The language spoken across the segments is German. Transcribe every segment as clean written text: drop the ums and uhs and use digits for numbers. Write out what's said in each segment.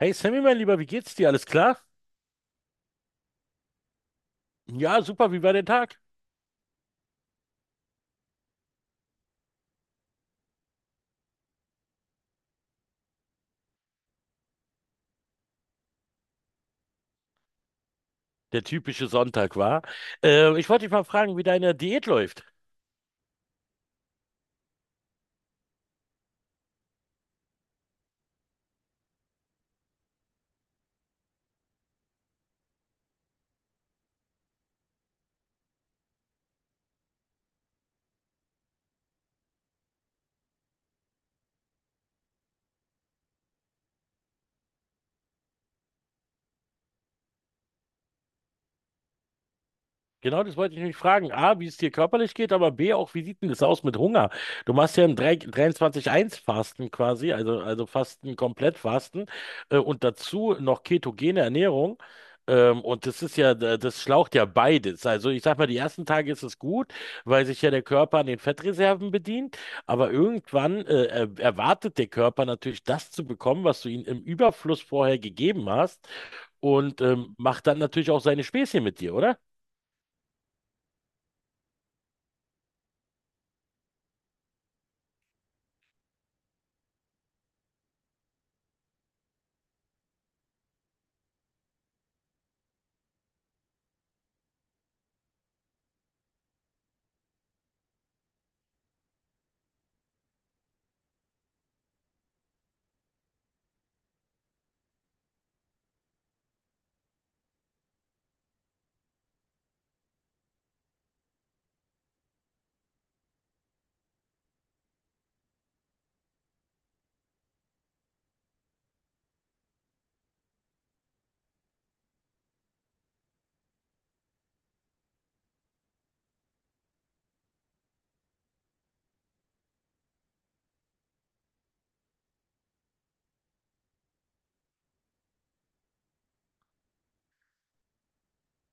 Hey Sammy, mein Lieber, wie geht's dir? Alles klar? Ja, super, wie war der Tag? Der typische Sonntag war. Ich wollte dich mal fragen, wie deine Diät läuft. Genau, das wollte ich mich fragen. A, wie es dir körperlich geht, aber B, auch wie sieht denn das aus mit Hunger? Du machst ja ein 3 23-1-Fasten quasi, also Fasten, Komplettfasten und dazu noch ketogene Ernährung. Und das ist ja, das schlaucht ja beides. Also ich sag mal, die ersten Tage ist es gut, weil sich ja der Körper an den Fettreserven bedient, aber irgendwann erwartet der Körper natürlich das zu bekommen, was du ihm im Überfluss vorher gegeben hast und macht dann natürlich auch seine Späßchen mit dir, oder?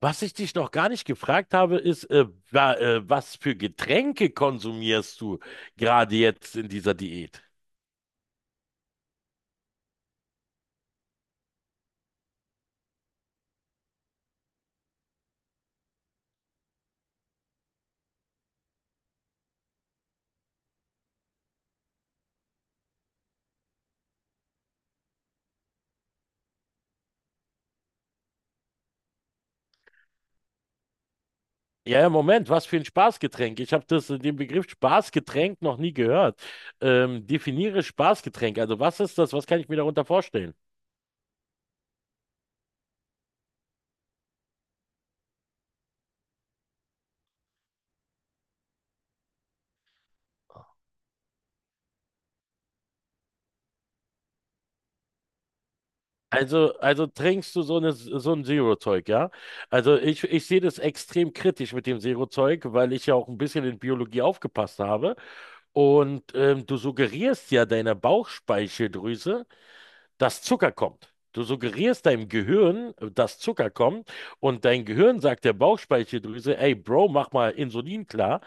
Was ich dich noch gar nicht gefragt habe, ist, was für Getränke konsumierst du gerade jetzt in dieser Diät? Ja, Moment, was für ein Spaßgetränk? Ich habe das, den Begriff Spaßgetränk noch nie gehört. Definiere Spaßgetränk. Also was ist das? Was kann ich mir darunter vorstellen? Also trinkst du so eine, so ein Zero-Zeug, ja? Also ich sehe das extrem kritisch mit dem Zero-Zeug, weil ich ja auch ein bisschen in Biologie aufgepasst habe. Und du suggerierst ja deiner Bauchspeicheldrüse, dass Zucker kommt. Du suggerierst deinem Gehirn, dass Zucker kommt, und dein Gehirn sagt der Bauchspeicheldrüse, ey Bro, mach mal Insulin klar.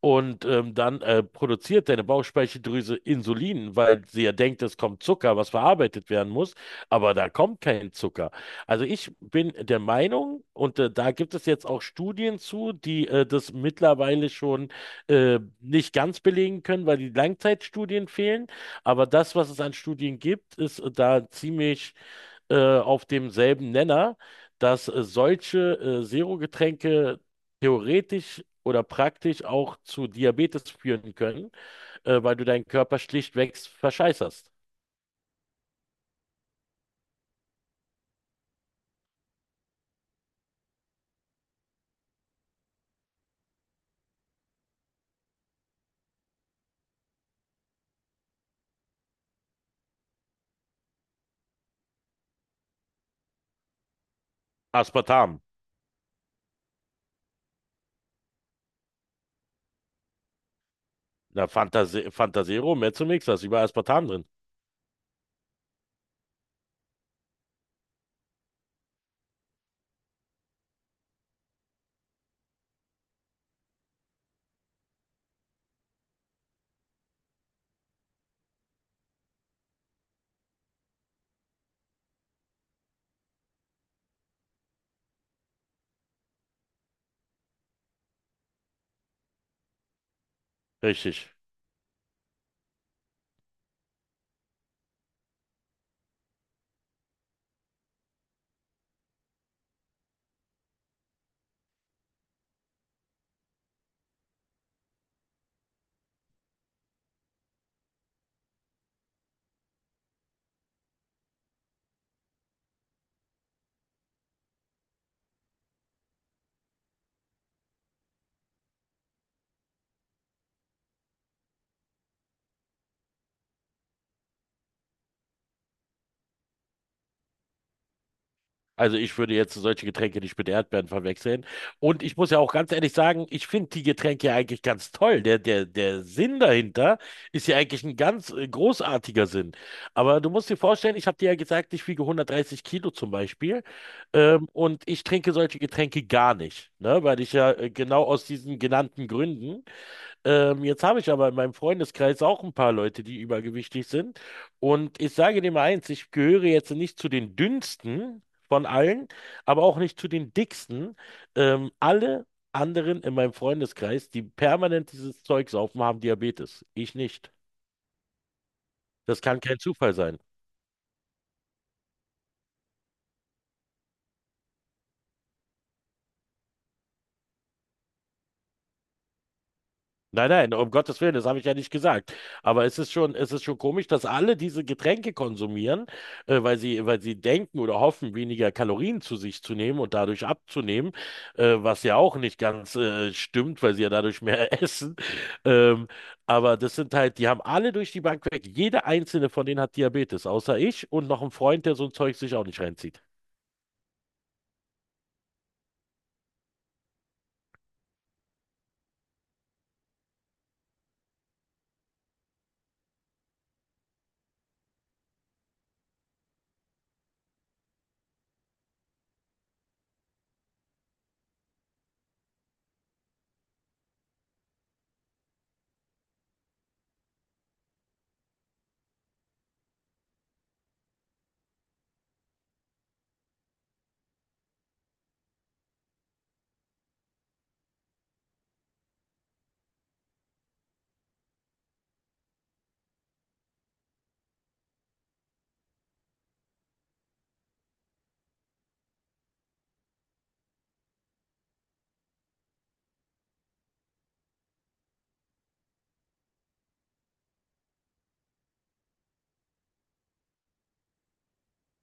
Und dann produziert deine Bauchspeicheldrüse Insulin, weil sie ja denkt, es kommt Zucker, was verarbeitet werden muss, aber da kommt kein Zucker. Also ich bin der Meinung, und da gibt es jetzt auch Studien zu, die das mittlerweile schon nicht ganz belegen können, weil die Langzeitstudien fehlen. Aber das, was es an Studien gibt, ist da ziemlich auf demselben Nenner, dass solche Zero-Getränke theoretisch oder praktisch auch zu Diabetes führen können, weil du deinen Körper schlichtweg verscheißerst. Aspartam. Na, Fantase Fantasero, Mezzomix, da ist überall Aspartam drin. Richtig. Also ich würde jetzt solche Getränke nicht mit Erdbeeren verwechseln. Und ich muss ja auch ganz ehrlich sagen, ich finde die Getränke ja eigentlich ganz toll. Der Sinn dahinter ist ja eigentlich ein ganz großartiger Sinn. Aber du musst dir vorstellen, ich habe dir ja gesagt, ich wiege 130 Kilo zum Beispiel. Und ich trinke solche Getränke gar nicht, ne? Weil ich ja genau aus diesen genannten Gründen jetzt habe ich aber in meinem Freundeskreis auch ein paar Leute, die übergewichtig sind. Und ich sage dir mal eins, ich gehöre jetzt nicht zu den dünnsten von allen, aber auch nicht zu den dicksten. Alle anderen in meinem Freundeskreis, die permanent dieses Zeugs saufen, haben Diabetes. Ich nicht. Das kann kein Zufall sein. Nein, nein, um Gottes Willen, das habe ich ja nicht gesagt. Aber es ist schon komisch, dass alle diese Getränke konsumieren, weil sie denken oder hoffen, weniger Kalorien zu sich zu nehmen und dadurch abzunehmen, was ja auch nicht ganz stimmt, weil sie ja dadurch mehr essen. Ähm, aber das sind halt, die haben alle durch die Bank weg. Jeder einzelne von denen hat Diabetes, außer ich und noch ein Freund, der so ein Zeug sich auch nicht reinzieht.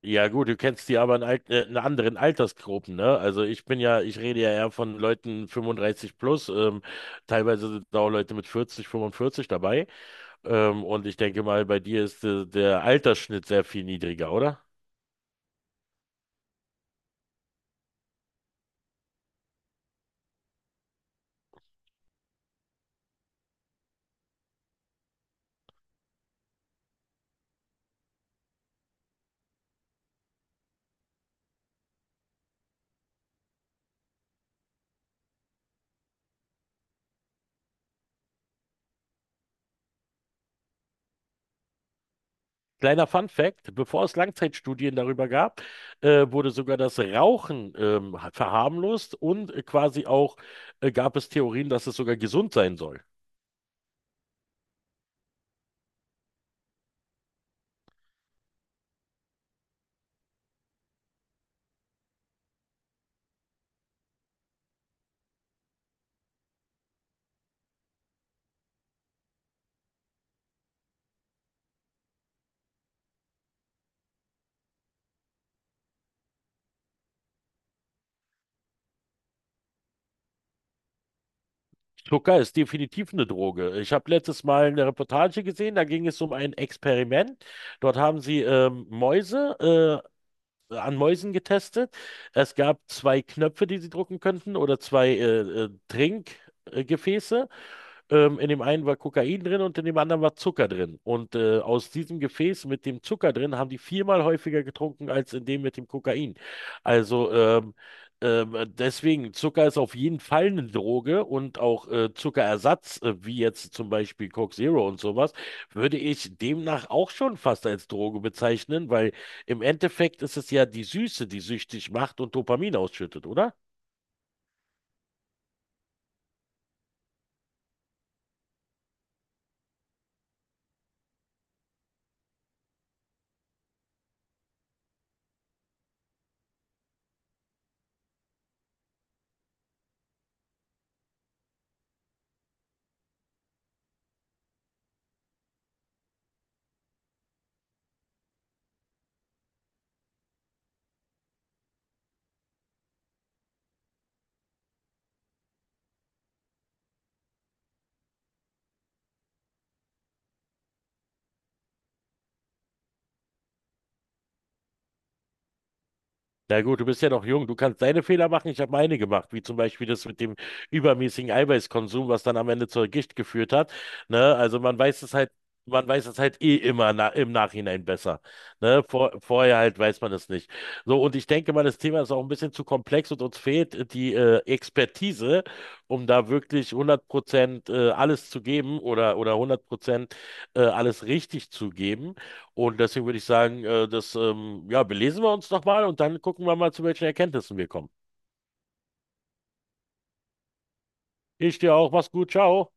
Ja gut, du kennst die aber in, alt, in anderen Altersgruppen, ne? Also ich rede ja eher von Leuten 35 plus, teilweise sind da auch Leute mit 40, 45 dabei. Und ich denke mal, bei dir ist der Altersschnitt sehr viel niedriger, oder? Kleiner Fun Fact, bevor es Langzeitstudien darüber gab, wurde sogar das Rauchen verharmlost und quasi auch gab es Theorien, dass es sogar gesund sein soll. Zucker ist definitiv eine Droge. Ich habe letztes Mal eine Reportage gesehen, da ging es um ein Experiment. Dort haben sie Mäuse an Mäusen getestet. Es gab zwei Knöpfe, die sie drücken könnten, oder zwei Trinkgefäße. In dem einen war Kokain drin und in dem anderen war Zucker drin. Und aus diesem Gefäß mit dem Zucker drin haben die viermal häufiger getrunken als in dem mit dem Kokain. Also ähm, deswegen, Zucker ist auf jeden Fall eine Droge und auch Zuckerersatz, wie jetzt zum Beispiel Coke Zero und sowas, würde ich demnach auch schon fast als Droge bezeichnen, weil im Endeffekt ist es ja die Süße, die süchtig macht und Dopamin ausschüttet, oder? Na gut, du bist ja noch jung. Du kannst deine Fehler machen. Ich habe meine gemacht, wie zum Beispiel das mit dem übermäßigen Eiweißkonsum, was dann am Ende zur Gicht geführt hat. Ne? Also man weiß es halt, man weiß es halt eh immer na im Nachhinein besser. Ne? Vor vorher halt weiß man es nicht. So, und ich denke mal, das Thema ist auch ein bisschen zu komplex und uns fehlt die Expertise, um da wirklich 100% alles zu geben oder 100% alles richtig zu geben. Und deswegen würde ich sagen, ja, belesen wir uns doch mal und dann gucken wir mal, zu welchen Erkenntnissen wir kommen. Ich dir auch, mach's gut, ciao.